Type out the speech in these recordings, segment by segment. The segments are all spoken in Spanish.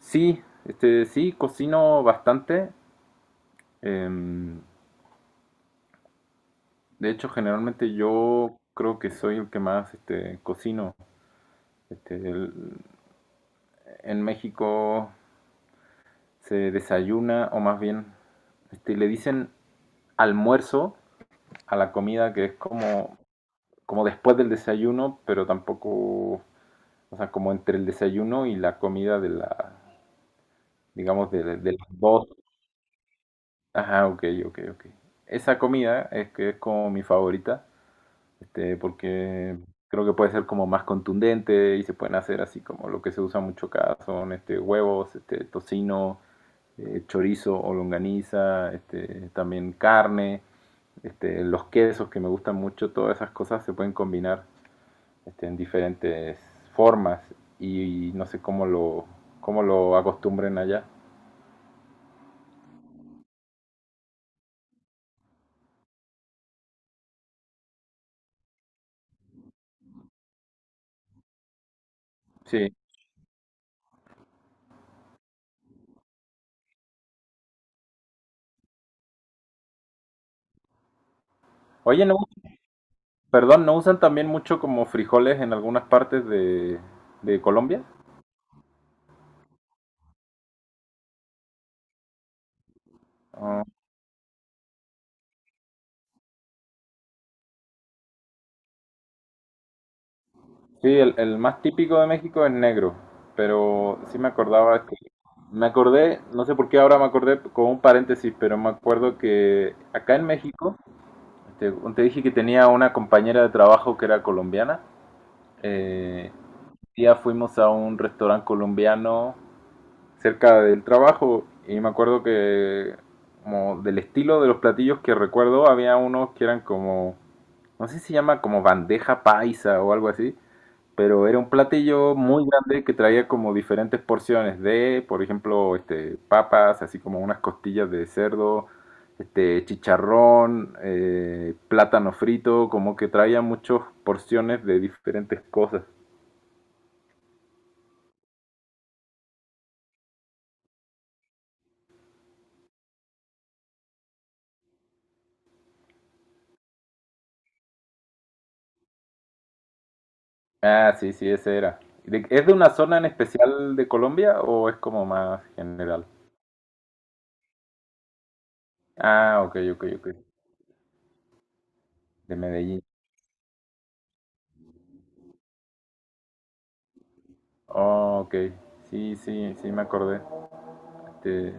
Sí, este, sí, cocino bastante. Em, de hecho, generalmente yo creo que soy el que más este, cocino. Este, el- en México se desayuna, o más bien, este, le dicen almuerzo a la comida que es como, como después del desayuno, pero tampoco, o sea, como entre el desayuno y la comida de la, digamos, de las dos. Ajá, ok, ok, ok. Esa comida es que es como mi favorita. Este, porque creo que puede ser como más contundente y se pueden hacer así como lo que se usa mucho acá son este, huevos, este, tocino, chorizo o longaniza, este, también carne, este, los quesos que me gustan mucho, todas esas cosas se pueden combinar este, en diferentes formas y, no sé cómo lo acostumbren allá. Sí. Oye, no, perdón, ¿no usan también mucho como frijoles en algunas partes de Colombia? Ah. Sí, el más típico de México es negro, pero sí me acordaba que me acordé, no sé por qué ahora me acordé con un paréntesis, pero me acuerdo que acá en México, te dije que tenía una compañera de trabajo que era colombiana. Un día fuimos a un restaurante colombiano cerca del trabajo y me acuerdo que como del estilo de los platillos que recuerdo había unos que eran como, no sé si se llama como bandeja paisa o algo así, pero era un platillo muy grande que traía como diferentes porciones de, por ejemplo, este, papas, así como unas costillas de cerdo, este, chicharrón, plátano frito, como que traía muchas porciones de diferentes cosas. Ah, sí, sí, ese era. ¿Es de una zona en especial de Colombia o es como más general? Ah, ok, ok, ok. De Medellín. Oh, ok. Sí, sí, sí, me acordé. Este,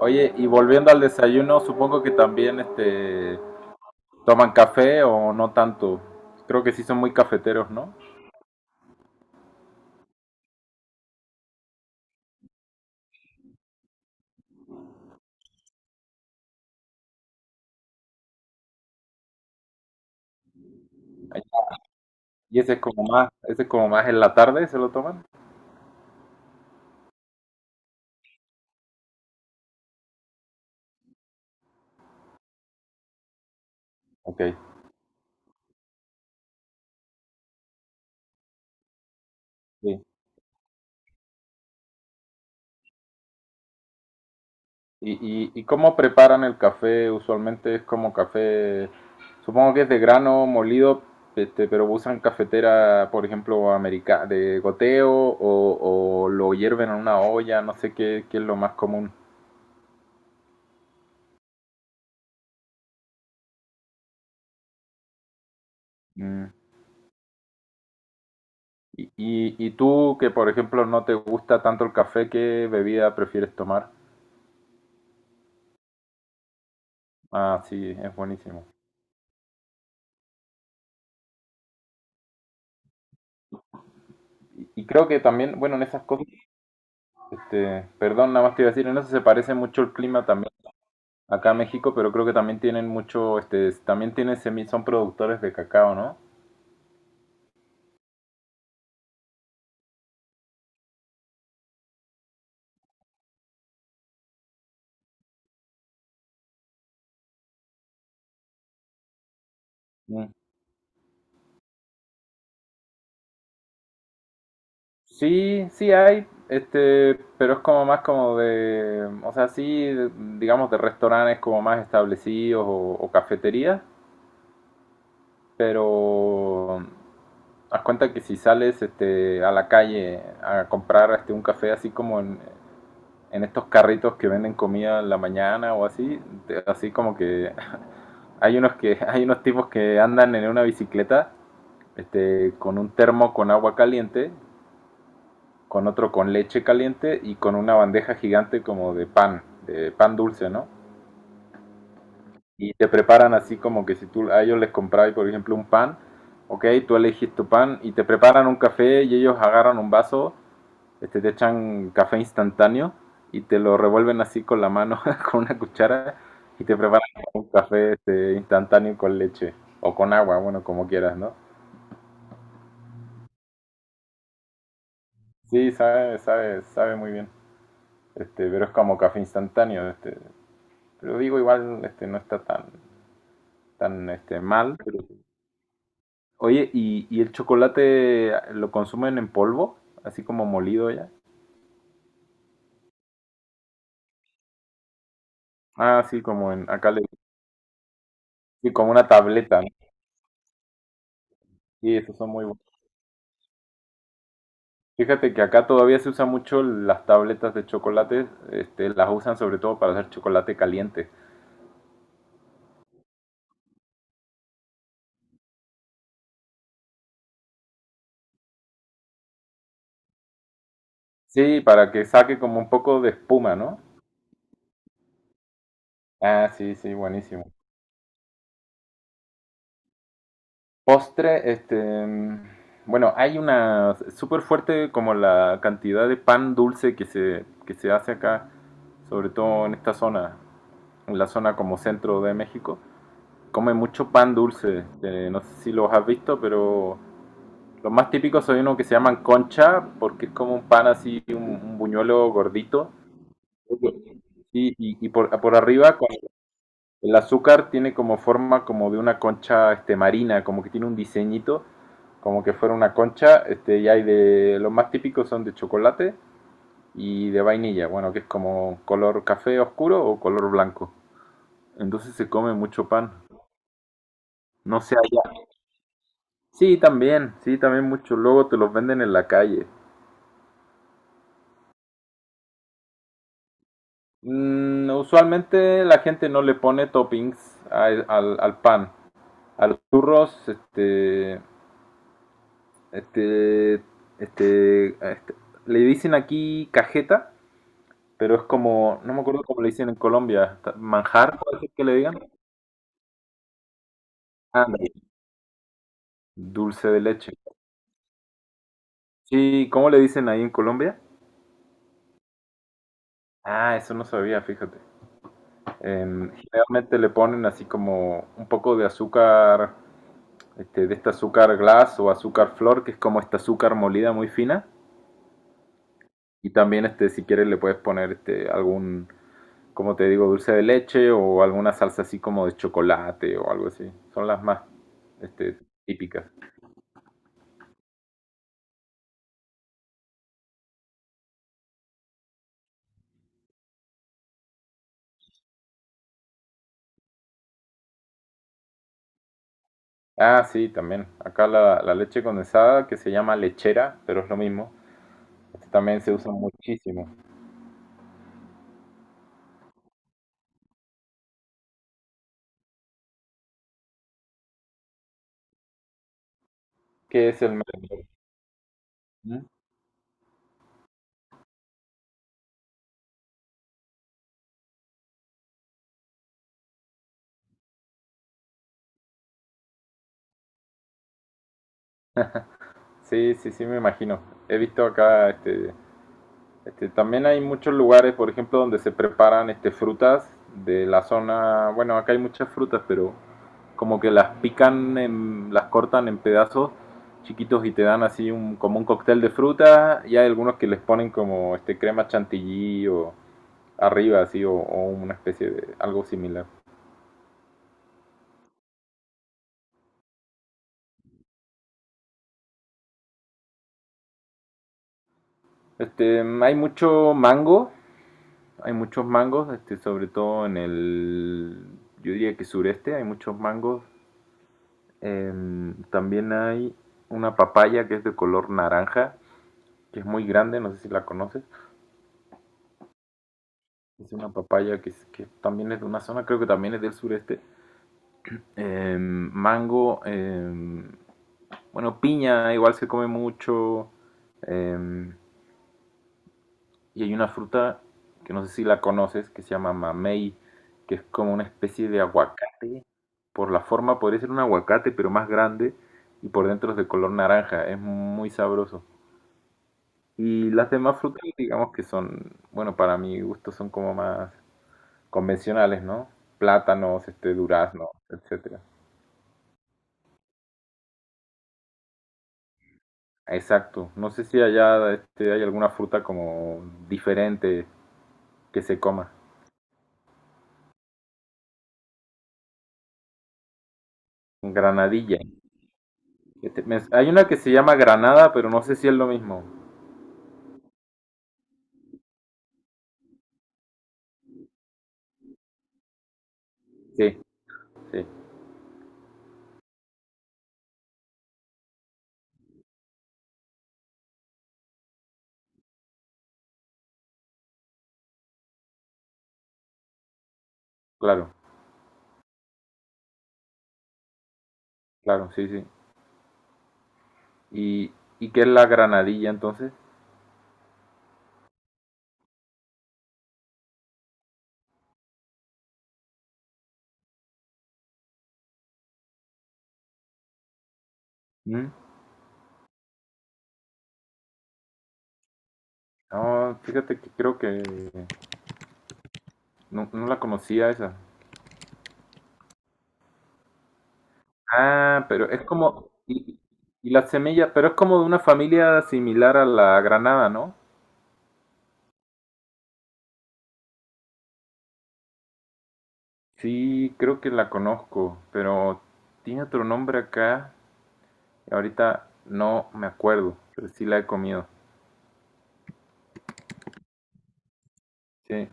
oye, y volviendo al desayuno, supongo que también este, toman café o no tanto. Creo que sí son muy cafeteros, ¿no? Y ese es como más, ese es como más en la tarde, ¿se lo toman? Ok, sí. Y cómo preparan el café? Usualmente es como café, supongo que es de grano molido, este, pero usan cafetera, por ejemplo, america, de goteo o lo hierven en una olla, no sé qué, qué es lo más común. Mm. Y tú, que por ejemplo no te gusta tanto el café, ¿qué bebida prefieres tomar? Ah, sí, es buenísimo. Y creo que también, bueno, en esas cosas, este, perdón, nada más te iba a decir, en eso se parece mucho el clima también acá a México, pero creo que también tienen mucho, este, también tienen semi, son productores de cacao, ¿no? Mm. Sí, sí hay, este, pero es como más como de, o sea, sí, de- digamos de restaurantes como más establecidos o cafeterías, pero haz cuenta que si sales este, a la calle a comprar este, un café así como en estos carritos que venden comida en la mañana o así, te- así como que hay unos que hay unos tipos que andan en una bicicleta este, con un termo con agua caliente, con otro con leche caliente y con una bandeja gigante como de pan dulce, ¿no? Y te preparan así como que si tú a ellos les comprabas, por ejemplo, un pan, ok, tú elegís tu pan y te preparan un café y ellos agarran un vaso este, te echan café instantáneo y te lo revuelven así con la mano, con una cuchara, y te preparan un café este, instantáneo con leche o con agua, bueno, como quieras, ¿no? Sí, sabe, sabe, sabe muy bien, este, pero es como café instantáneo, este, pero digo igual, este, no está tan, tan, este, mal. Pero- oye, y el chocolate lo consumen en polvo, así como molido ya? Ah, sí, como en, acá le, sí, como una tableta, ¿no? Sí, esos son muy buenos. Fíjate que acá todavía se usa mucho las tabletas de chocolate, este, las usan sobre todo para hacer chocolate caliente. Sí, para que saque como un poco de espuma, ¿no? Ah, sí, sí, buenísimo. Postre, este, mm, bueno, hay una súper fuerte como la cantidad de pan dulce que se hace acá, sobre todo en esta zona, en la zona como centro de México. Come mucho pan dulce, este, no sé si los has visto, pero los más típicos son unos que se llaman concha, porque es como un pan así, un buñuelo gordito. Y por arriba, con el azúcar tiene como forma como de una concha este, marina, como que tiene un diseñito, como que fuera una concha. Este, y hay de. Los más típicos son de chocolate y de vainilla, bueno, que es como color café oscuro o color blanco. Entonces se come mucho pan. No sé allá. Sí, también mucho. Luego te los venden en la calle. Mm, usualmente la gente no le pone toppings a- e, al pan, a los churros, este, este- le dicen aquí cajeta, pero es como, no me acuerdo cómo le dicen en Colombia, ta- manjar, puede ser que le digan. Ah, dulce de leche. Sí, ¿cómo le dicen ahí en Colombia? Ah, eso no sabía, fíjate. Generalmente le ponen así como un poco de azúcar este, de este azúcar glass o azúcar flor, que es como esta azúcar molida muy fina. Y también, este, si quieres, le puedes poner este, algún, como te digo, dulce de leche o alguna salsa así como de chocolate o algo así. Son las más este, típicas. Ah, sí, también. Acá la leche condensada, que se llama lechera, pero es lo mismo. Este también se usa muchísimo. ¿Qué es el mermelada? Sí, sí, sí, me imagino. He visto acá este, este, también hay muchos lugares, por ejemplo, donde se preparan este, frutas de la zona, bueno, acá hay muchas frutas, pero como que las pican, en- las cortan en pedazos chiquitos y te dan así un, como un cóctel de fruta y hay algunos que les ponen como este crema chantilly o arriba así o una especie de algo similar. Este, hay mucho mango, hay muchos mangos, este, sobre todo en el, yo diría que sureste, hay muchos mangos. También hay una papaya que es de color naranja, que es muy grande, no sé si la conoces. Es una papaya que, es- que también es de una zona, creo que también es del sureste. Mango, bueno, piña igual se come mucho. Eh, y hay una fruta que no sé si la conoces, que se llama mamey, que es como una especie de aguacate. Por la forma podría ser un aguacate, pero más grande y por dentro es de color naranja. Es muy sabroso. Y las demás frutas, digamos que son, bueno, para mi gusto son como más convencionales, ¿no? Plátanos, este, durazno, etcétera. Exacto. No sé si allá este, hay alguna fruta como diferente que se coma. Granadilla. Hay una que se llama granada, pero no sé si es lo mismo. Sí, sí, claro, claro, sí, sí. ¿Y, y qué es la granadilla entonces? ¿Mm? No, fíjate que creo que no, no la conocía esa. Ah, pero es como, y la semilla, pero es como de una familia similar a la granada, ¿no? Sí, creo que la conozco, pero tiene otro nombre acá, y ahorita no me acuerdo, pero sí la he comido. Sí,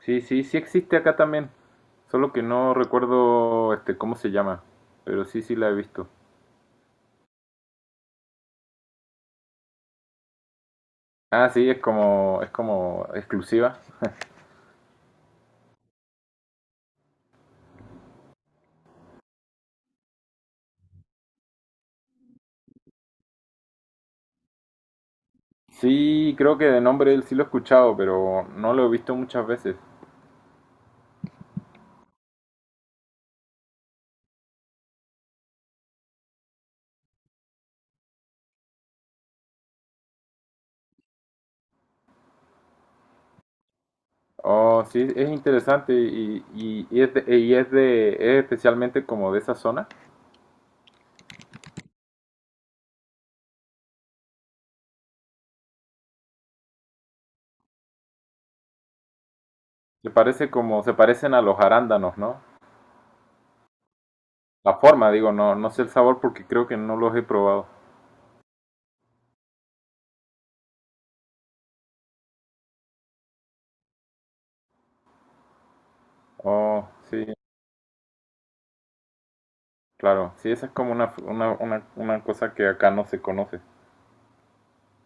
sí, sí, sí existe acá también, solo que no recuerdo este cómo se llama, pero sí, sí la he visto. Ah, sí, es como exclusiva. Sí, creo que de nombre él sí lo he escuchado, pero no lo he visto muchas veces. Oh, sí, es interesante y es de, es especialmente como de esa zona. Se parece como, se parecen a los arándanos, ¿no? La forma, digo, no, no sé el sabor porque creo que no los he probado. Oh, sí, claro. Sí, esa es como una cosa que acá no se conoce.